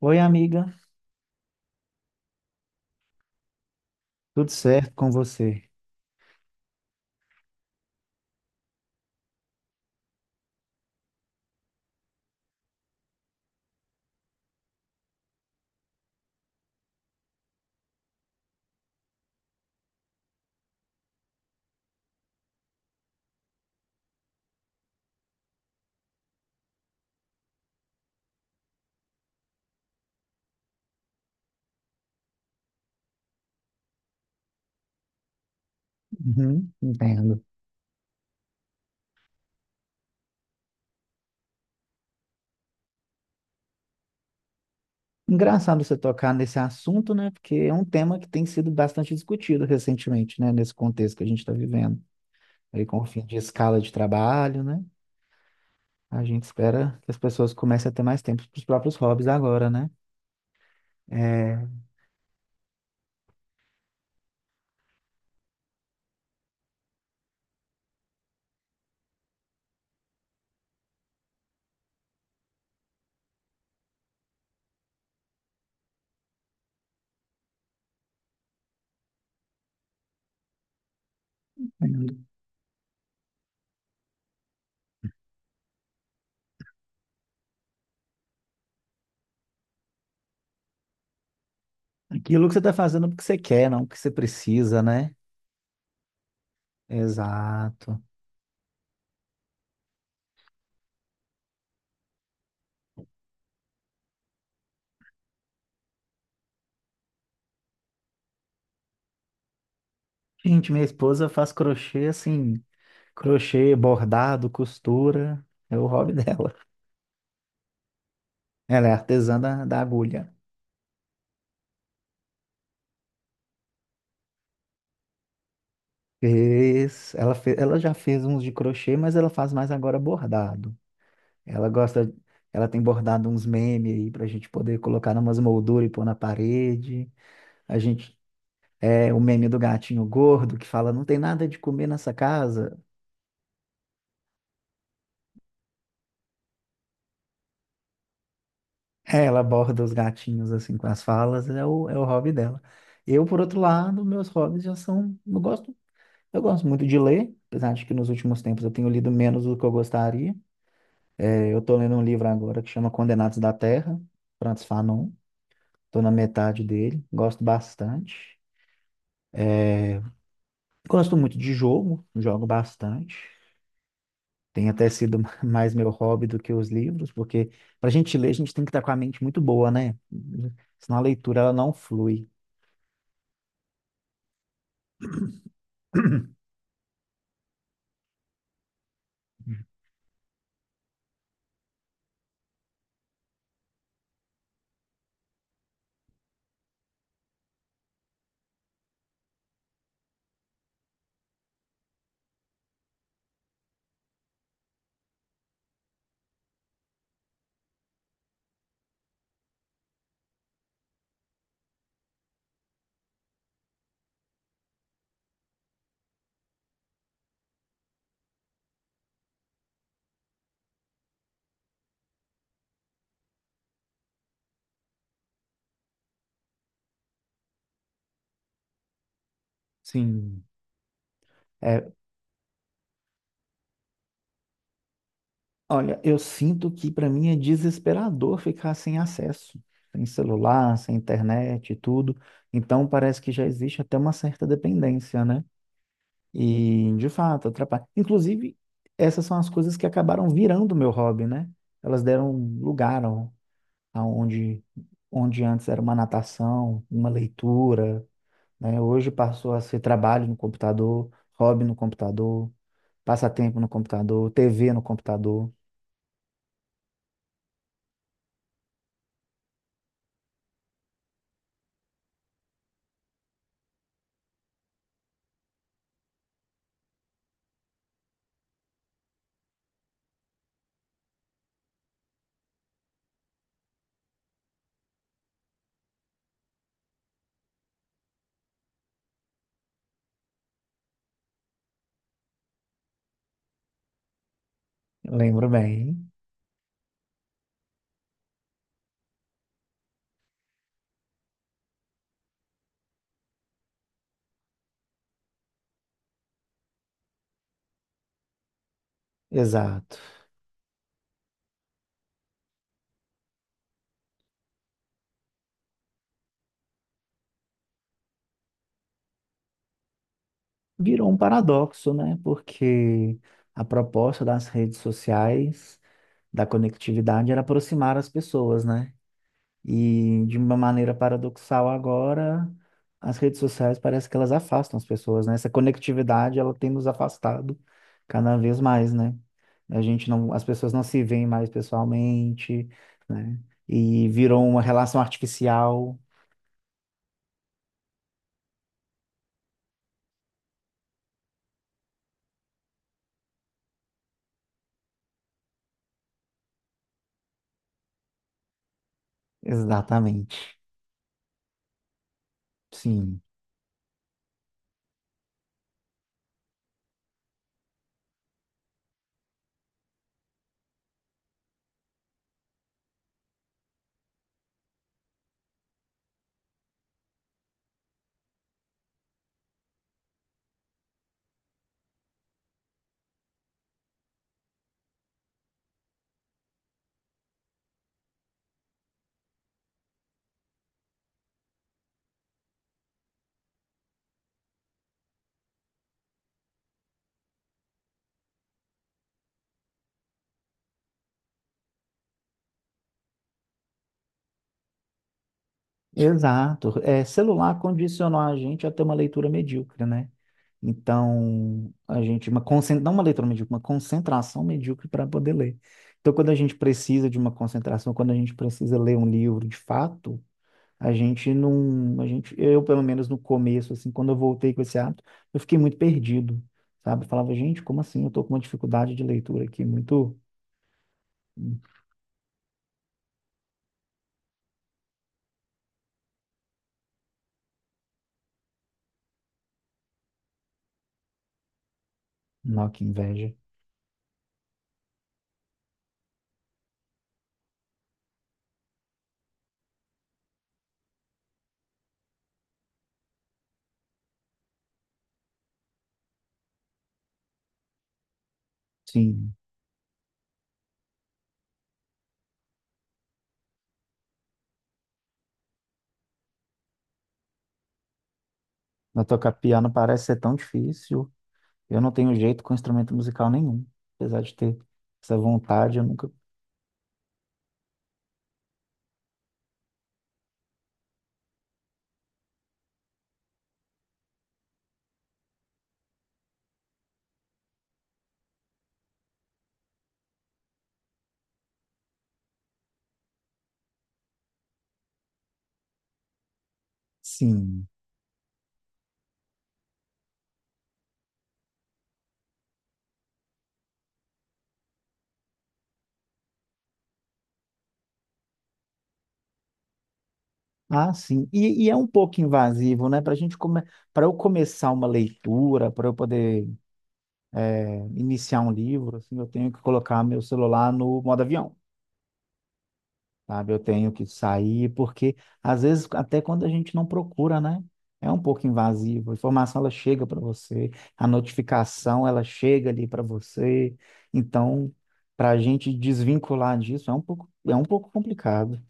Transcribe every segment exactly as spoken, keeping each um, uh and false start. Oi, amiga, tudo certo com você? Uhum, entendo. Engraçado você tocar nesse assunto, né? Porque é um tema que tem sido bastante discutido recentemente, né? Nesse contexto que a gente está vivendo. Aí com o fim de escala de trabalho, né? A gente espera que as pessoas comecem a ter mais tempo para os próprios hobbies agora, né? É, entendo. Aquilo que você está fazendo porque você quer, não porque você precisa, né? Exato. Gente, minha esposa faz crochê assim, crochê, bordado, costura, é o hobby dela. Ela é artesã da, da agulha. Fez, ela, fe- ela já fez uns de crochê, mas ela faz mais agora bordado. Ela gosta, ela tem bordado uns memes aí pra gente poder colocar numas molduras e pôr na parede. A gente é o meme do gatinho gordo que fala não tem nada de comer nessa casa. É, ela borda os gatinhos assim com as falas, é o, é o hobby dela. Eu, por outro lado, meus hobbies já são, eu gosto, eu gosto muito de ler, apesar de que nos últimos tempos eu tenho lido menos do que eu gostaria. Eu tô lendo um livro agora que chama Condenados da Terra, Francis Fanon. Tô na metade dele, gosto bastante. Gosto muito de jogo, jogo bastante. Tem até sido mais meu hobby do que os livros, porque pra gente ler, a gente tem que estar com a mente muito boa, né? Senão a leitura ela não flui. Sim. É, olha, eu sinto que para mim é desesperador ficar sem acesso, sem celular, sem internet e tudo. Então parece que já existe até uma certa dependência, né? E, de fato, atrapalha. Inclusive, essas são as coisas que acabaram virando meu hobby, né? Elas deram lugar ao- aonde onde antes era uma natação, uma leitura, né? Hoje passou a ser trabalho no computador, hobby no computador, passatempo no computador, T V no computador. Lembro bem, exato. Virou um paradoxo, né? Porque a proposta das redes sociais, da conectividade, era aproximar as pessoas, né? E de uma maneira paradoxal agora, as redes sociais parece que elas afastam as pessoas, né? Essa conectividade, ela tem nos afastado cada vez mais, né? A gente não, as pessoas não se veem mais pessoalmente, né? E virou uma relação artificial. Exatamente. Sim. Exato. É, celular condicionou a gente a ter uma leitura medíocre, né? Então, a gente, uma concen- não uma leitura medíocre, uma concentração medíocre para poder ler. Então, quando a gente precisa de uma concentração, quando a gente precisa ler um livro de fato, a gente não, a gente, eu pelo menos no começo, assim, quando eu voltei com esse hábito, eu fiquei muito perdido, sabe? Eu falava, gente, como assim? Eu tô com uma dificuldade de leitura aqui, muito, não, que inveja. Sim, na tocar piano parece ser tão difícil. Eu não tenho jeito com instrumento musical nenhum, apesar de ter essa vontade, eu nunca. Sim. Ah, sim. E, e é um pouco invasivo, né? Para gente come... para eu começar uma leitura, para eu poder eh, iniciar um livro, assim, eu tenho que colocar meu celular no modo avião. Sabe? Eu tenho que sair, porque às vezes, até quando a gente não procura, né? É um pouco invasivo. A informação ela chega para você, a notificação ela chega ali para você. Então, para a gente desvincular disso é um pouco, é um pouco complicado.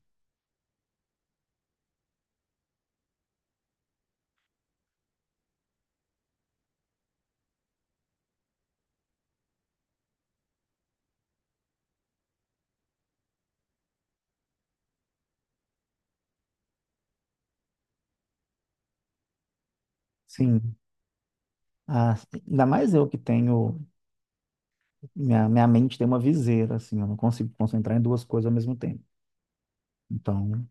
Sim. Ah, ainda mais eu que tenho, minha, minha mente tem uma viseira, assim, eu não consigo concentrar em duas coisas ao mesmo tempo. Então,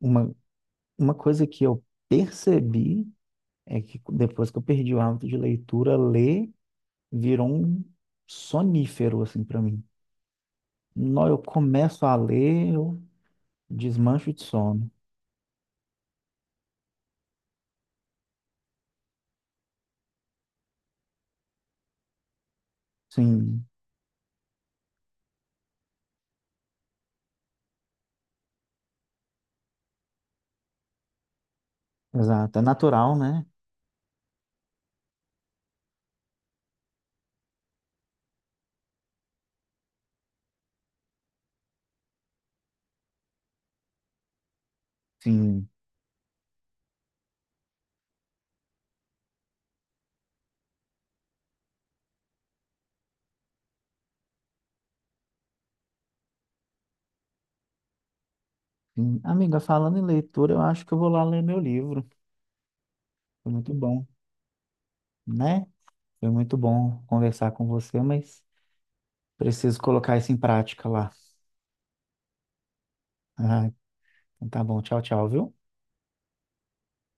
uma, uma coisa que eu percebi é que depois que eu perdi o hábito de leitura, ler virou um sonífero, assim, pra mim. Nó, eu começo a ler, eu desmancho de sono. Sim, exato. É natural, né? Sim, sim. Amiga, falando em leitura, eu acho que eu vou lá ler meu livro. Foi muito bom, né? Foi muito bom conversar com você, mas preciso colocar isso em prática lá. Ah, então tá bom. Tchau, tchau, viu?